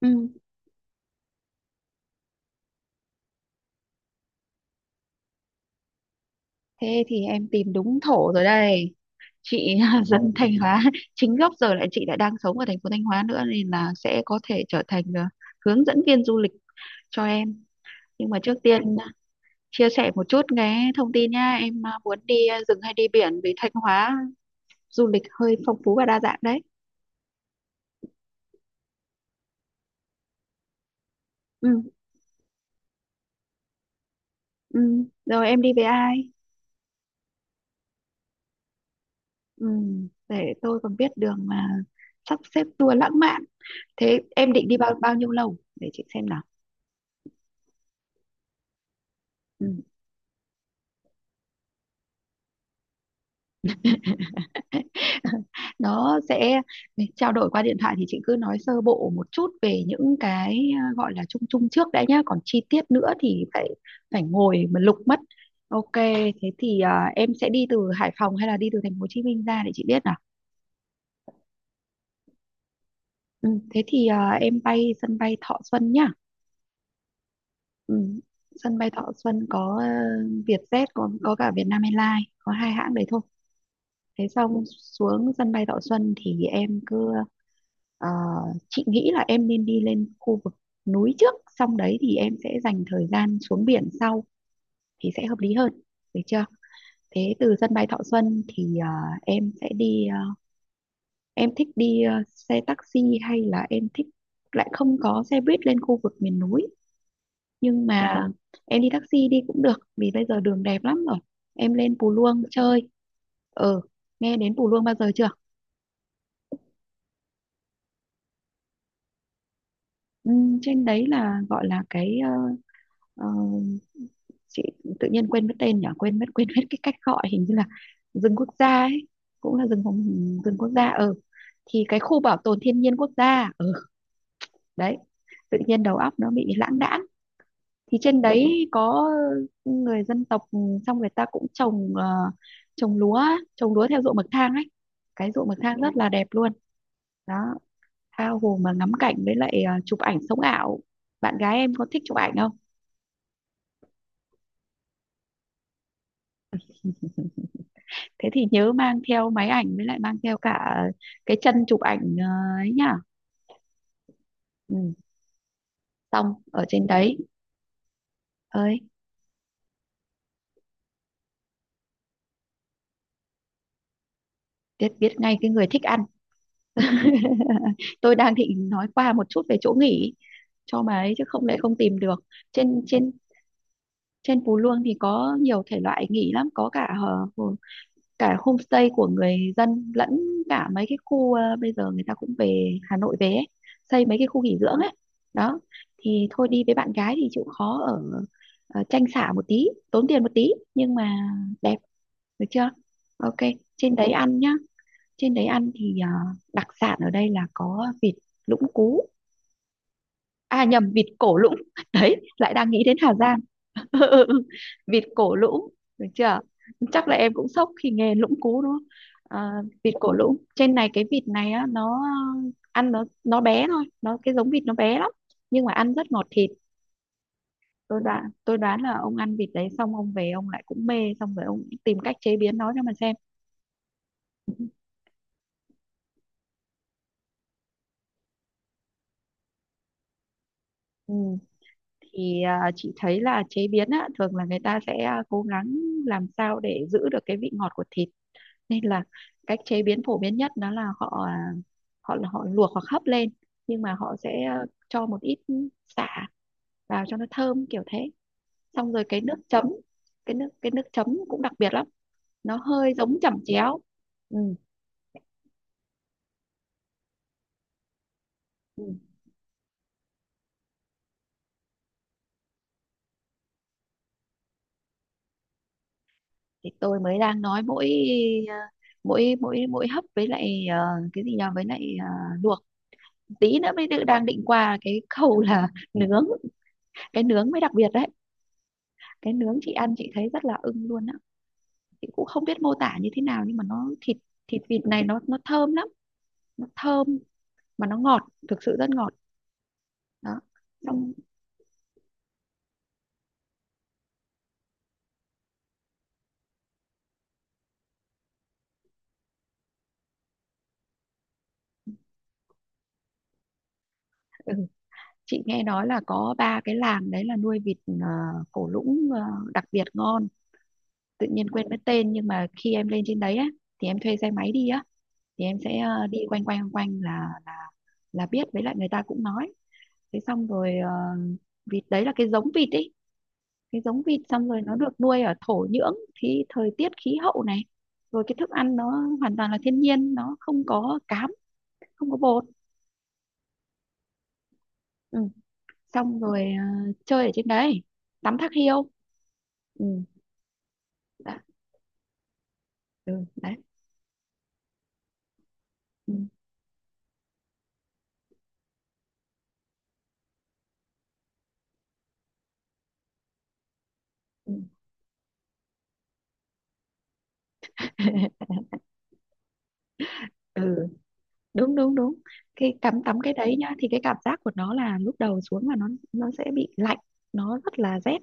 Ừ, thế thì em tìm đúng thổ rồi đây chị. Dân Thanh Hóa chính gốc, giờ lại chị lại đang sống ở thành phố Thanh Hóa nữa, nên là sẽ có thể trở thành hướng dẫn viên du lịch cho em. Nhưng mà trước tiên, chia sẻ một chút cái thông tin nha em, muốn đi rừng hay đi biển, vì Thanh Hóa du lịch hơi phong phú và đa dạng đấy. Ừ, ừ. Rồi em đi với ai? Ừ, để tôi còn biết đường mà sắp xếp tour lãng mạn. Thế em định đi bao bao nhiêu lâu để chị xem nào? Ừ. Nó sẽ trao đổi qua điện thoại, thì chị cứ nói sơ bộ một chút về những cái, gọi là chung chung trước đã nhá, còn chi tiết nữa thì phải phải ngồi mà lục mất. Ok, thế thì em sẽ đi từ Hải Phòng hay là đi từ thành phố Hồ Chí Minh ra để chị biết nào? Ừ, thế thì em bay sân bay Thọ Xuân nhá. Ừ, sân bay Thọ Xuân có Vietjet, có cả Vietnam Airlines, có hai hãng đấy thôi. Thế xong xuống sân bay Thọ Xuân thì ờ, chị nghĩ là em nên đi lên khu vực núi trước, xong đấy thì em sẽ dành thời gian xuống biển sau thì sẽ hợp lý hơn. Được chưa? Thế từ sân bay Thọ Xuân thì em sẽ đi ờ, em thích đi xe taxi hay là em thích, lại không có xe buýt lên khu vực miền núi, nhưng mà em đi taxi đi cũng được vì bây giờ đường đẹp lắm rồi. Em lên Pù Luông chơi. Ừ, nghe đến Pù Luông bao giờ chưa? Trên đấy là gọi là cái, ờ, chị tự nhiên quên mất tên nhỉ, quên mất cái cách gọi hình như là rừng quốc gia ấy, cũng là rừng phòng, rừng quốc gia. Ừ thì cái khu bảo tồn thiên nhiên quốc gia. Ừ Đấy, tự nhiên đầu óc nó bị lãng đãng. Thì trên đấy có người dân tộc, xong người ta cũng trồng lúa á, trồng lúa theo ruộng bậc thang ấy, cái ruộng bậc thang rất là đẹp luôn. Đó, tha hồ mà ngắm cảnh với lại chụp ảnh sống ảo. Bạn gái em có thích chụp ảnh không? Thế thì nhớ mang theo máy ảnh với lại mang theo cả cái chân chụp ảnh, ấy nhá. Ừ, xong ở trên đấy. Ơi, biết biết ngay cái người thích ăn. Tôi đang định nói qua một chút về chỗ nghỉ cho bà ấy chứ không lẽ không tìm được. Trên trên trên Phú Luông thì có nhiều thể loại nghỉ lắm, có cả ờ, cả homestay của người dân, lẫn cả mấy cái khu, bây giờ người ta cũng về Hà Nội về ấy, xây mấy cái khu nghỉ dưỡng ấy. Đó, thì thôi đi với bạn gái thì chịu khó ở, tranh xả một tí, tốn tiền một tí, nhưng mà đẹp. Được chưa? Ok. Trên đấy ăn nhá. Trên đấy ăn thì đặc sản ở đây là có vịt lũng cú, à nhầm, vịt cổ lũng. Đấy lại đang nghĩ đến Hà Giang. Vịt cổ lũng. Được chưa? Chắc là em cũng sốc khi nghe lũng cú đúng không? À, vịt cổ lũng trên này, cái vịt này á, nó ăn nó bé thôi, nó cái giống vịt nó bé lắm nhưng mà ăn rất ngọt thịt. Tôi đoán là ông ăn vịt đấy xong ông về ông lại cũng mê, xong rồi ông tìm cách chế biến nó cho mà xem. Ừ, thì chị thấy là chế biến á, thường là người ta sẽ, cố gắng làm sao để giữ được cái vị ngọt của thịt, nên là cách chế biến phổ biến nhất đó là họ, họ luộc hoặc hấp lên. Nhưng mà họ sẽ cho một ít sả vào cho nó thơm kiểu thế, xong rồi cái nước chấm cũng đặc biệt lắm, nó hơi giống chẩm chéo. Ừ. Ừ. Thì tôi mới đang nói mỗi, ờ, mỗi mỗi mỗi hấp với lại, cái gì nhỉ, với lại luộc, tí nữa mới tự đang định qua cái khâu là nướng. Cái nướng mới đặc biệt đấy, cái nướng chị ăn chị thấy rất là ưng luôn. Chị cũng không biết mô tả như thế nào, nhưng mà nó thịt thịt vịt này nó thơm lắm, nó thơm mà nó ngọt, thực sự rất ngọt. Đó xong. Ừ, chị nghe nói là có ba cái làng đấy là nuôi vịt, cổ lũng, đặc biệt ngon, tự nhiên quên mất tên. Nhưng mà khi em lên trên đấy á thì em thuê xe máy đi á, thì em sẽ đi quanh quanh quanh quanh là biết, với lại người ta cũng nói. Thế xong rồi vịt đấy là cái giống vịt ý, cái giống vịt, xong rồi nó được nuôi ở thổ nhưỡng thì thời tiết khí hậu này, rồi cái thức ăn nó hoàn toàn là thiên nhiên, nó không có cám, không có bột. Ừ, xong rồi chơi ở trên đấy tắm thác hiêu. Ừ. Đã. Ừ, đấy. Ừ. Ừ. Ừ, đúng đúng đúng. Cái tắm tắm cái đấy nhá, thì cái cảm giác của nó là lúc đầu xuống là nó sẽ bị lạnh, nó rất là rét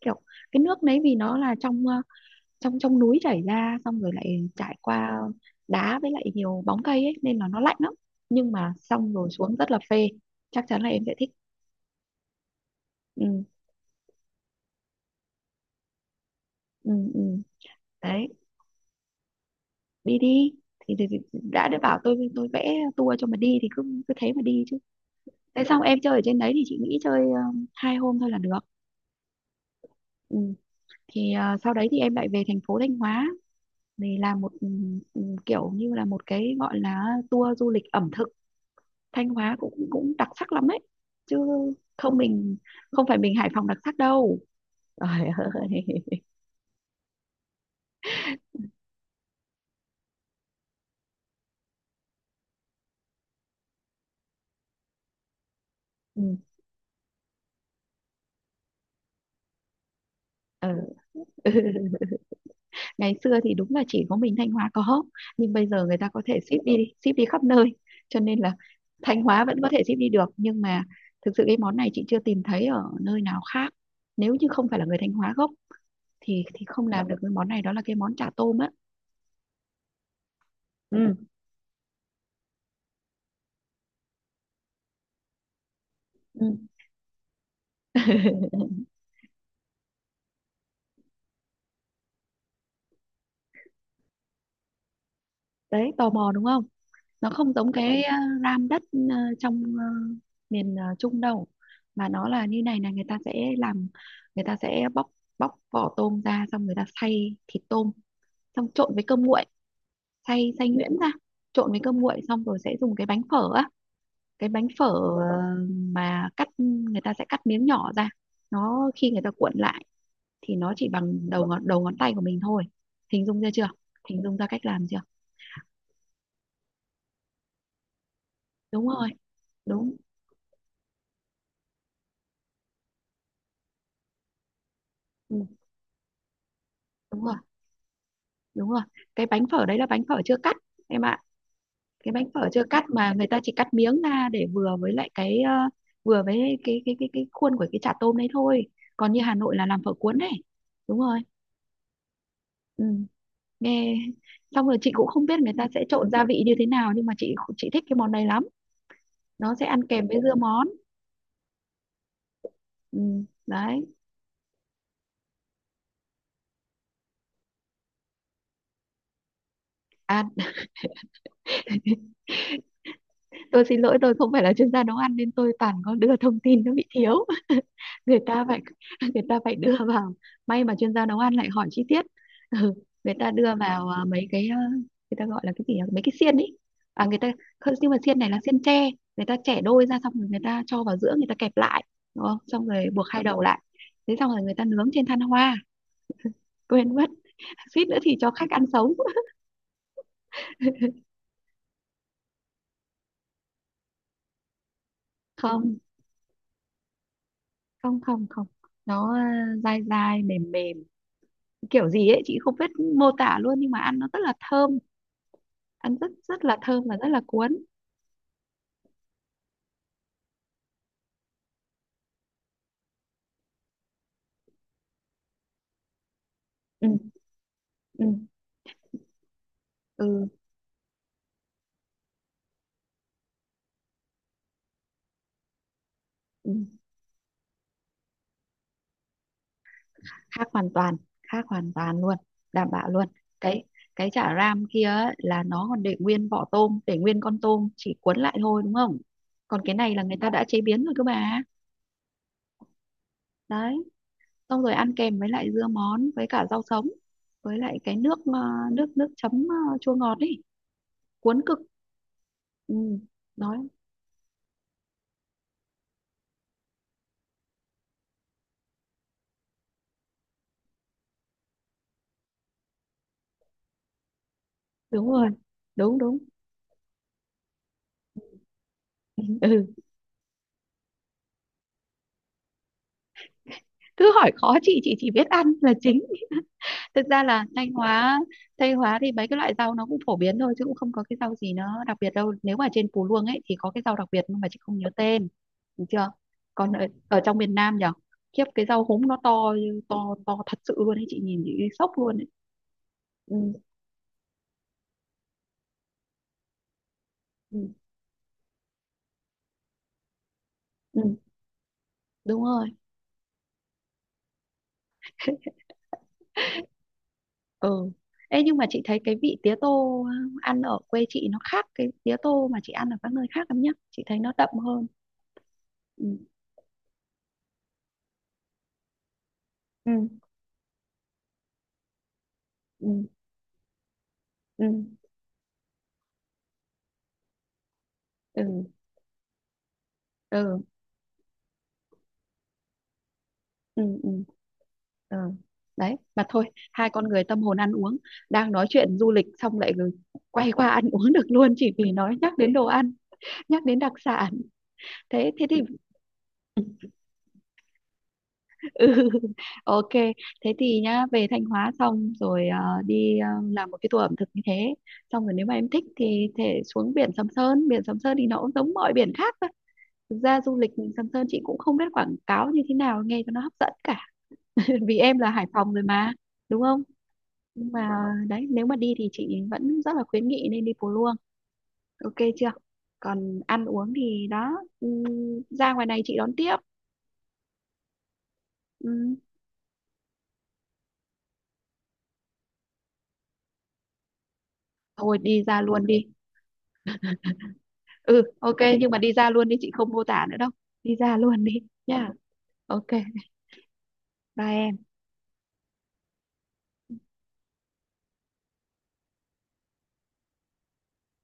kiểu. Cái nước đấy vì nó là trong, ờ, trong trong núi chảy ra, xong rồi lại trải qua đá với lại nhiều bóng cây ấy nên là nó lạnh lắm. Nhưng mà xong rồi xuống rất là phê, chắc chắn là em sẽ thích. Ừ, ừ, ừ. Đấy, đi đi. Thì đã bảo tôi, vẽ tour cho mà đi thì cứ cứ thế mà đi chứ. Thế xong em chơi ở trên đấy thì chị nghĩ chơi hai hôm thôi là được. Ừ, thì sau đấy thì em lại về thành phố Thanh Hóa để làm một, kiểu như là một cái gọi là tour du lịch ẩm thực, Thanh Hóa cũng cũng đặc sắc lắm ấy chứ, không mình không phải mình Hải Phòng đặc sắc đâu. Trời ơi. Ừ. Ừ. Ngày xưa thì đúng là chỉ có mình Thanh Hóa có, nhưng bây giờ người ta có thể ship đi khắp nơi, cho nên là Thanh Hóa vẫn có thể ship đi được nhưng mà thực sự cái món này chị chưa tìm thấy ở nơi nào khác, nếu như không phải là người Thanh Hóa gốc thì không làm được cái món này, đó là cái món chả tôm á. Ừ. Ừ. Đấy, tò mò đúng không? Nó không giống cái, ram đất trong miền Trung đâu, mà nó là như này, là người ta sẽ làm, người ta sẽ bóc bóc vỏ tôm ra, xong người ta xay thịt tôm, xong trộn với cơm nguội, xay xay nhuyễn ra, trộn với cơm nguội, xong rồi sẽ dùng cái bánh phở á, cái bánh phở ờ, mà cắt, người ta sẽ cắt miếng nhỏ ra. Nó khi người ta cuộn lại thì nó chỉ bằng đầu ngón tay của mình thôi. Hình dung ra chưa? Hình dung ra cách làm chưa? Đúng rồi, đúng. Ừ, đúng rồi, đúng rồi, cái bánh phở đấy là bánh phở chưa cắt em ạ. Cái bánh phở chưa cắt mà người ta chỉ cắt miếng ra để vừa với lại cái, ờ, vừa với cái khuôn của cái chả tôm đấy thôi, còn như Hà Nội là làm phở cuốn này. Đúng rồi. Ừ. Nghe, xong rồi chị cũng không biết người ta sẽ trộn gia vị như thế nào nhưng mà chị thích cái món này lắm, nó sẽ ăn kèm với dưa món. Ừ. Đấy. À, tôi xin lỗi, tôi không phải là chuyên gia nấu ăn nên tôi toàn có đưa thông tin nó bị thiếu. người ta phải Người ta phải đưa vào, may mà chuyên gia nấu ăn lại hỏi chi tiết. Ừ, người ta đưa vào, mấy cái, người ta gọi là cái gì nhỉ? Mấy cái xiên ấy. À người ta, không, nhưng mà xiên này là xiên tre, người ta chẻ đôi ra xong rồi người ta cho vào giữa, người ta kẹp lại đúng không, xong rồi buộc hai đầu lại. Thế xong rồi người ta nướng trên than hoa, quên mất. Suýt nữa thì cho khách ăn sống. Không không không không, nó dai dai mềm mềm kiểu gì ấy chị không biết mô tả luôn, nhưng mà ăn nó rất là thơm, ăn rất rất là thơm và rất là cuốn. Ừ ừ ừ, ừ. Khác hoàn toàn, khác hoàn toàn luôn, đảm bảo luôn. cái cái chả ram kia ấy, là nó còn để nguyên vỏ tôm, để nguyên con tôm chỉ cuốn lại thôi đúng không? Còn cái này là người ta đã chế biến rồi cơ bà. Đấy, xong rồi ăn kèm với lại dưa món với cả rau sống, với lại cái nước chấm, chua ngọt ấy, cuốn cực. Ừ, nói đúng rồi, đúng đúng. Ừ, cứ hỏi khó chị chỉ biết ăn là chính. Thực ra là Thanh Hóa, Tây Hóa, thì mấy cái loại rau nó cũng phổ biến thôi chứ cũng không có cái rau gì nó đặc biệt đâu, nếu mà trên phú Luông ấy thì có cái rau đặc biệt nhưng mà chị không nhớ tên. Được chưa? Còn ở trong miền Nam nhỉ, khiếp cái rau húng nó to, to to thật sự luôn ấy, chị nhìn chị sốc luôn ấy. Ừ, ừ, ừ, đúng rồi. Ừ, ê, nhưng mà chị thấy cái vị tía tô ăn ở quê chị nó khác cái tía tô mà chị ăn ở các nơi khác lắm nhá, chị thấy nó đậm hơn. Ừ, ừ, ừ, ừ. Ừ ừ ừ ừ ừ. Đấy mà thôi, hai con người tâm hồn ăn uống đang nói chuyện du lịch xong lại rồi quay qua ăn uống được luôn, chỉ vì nhắc đến đồ ăn, nhắc đến đặc sản. Thế thế thì. Ừ. Ok, thế thì nhá, về Thanh Hóa xong rồi đi, làm một cái tour ẩm thực như thế, xong rồi nếu mà em thích thì thể xuống biển Sầm Sơn. Biển Sầm Sơn thì nó cũng giống mọi biển khác thôi, thực ra du lịch Sầm Sơn chị cũng không biết quảng cáo như thế nào nghe cho nó hấp dẫn cả. Vì em là Hải Phòng rồi mà, đúng không? Nhưng mà đấy, nếu mà đi thì chị vẫn rất là khuyến nghị nên đi Pù Luông. Ok chưa? Còn ăn uống thì đó. ừm, Ra ngoài này chị đón tiếp. Ừm, Thôi đi ra luôn đi. Ừ, ok, nhưng mà đi ra luôn đi chị không mô tả nữa đâu. Đi ra luôn đi nha. Ok, bye em.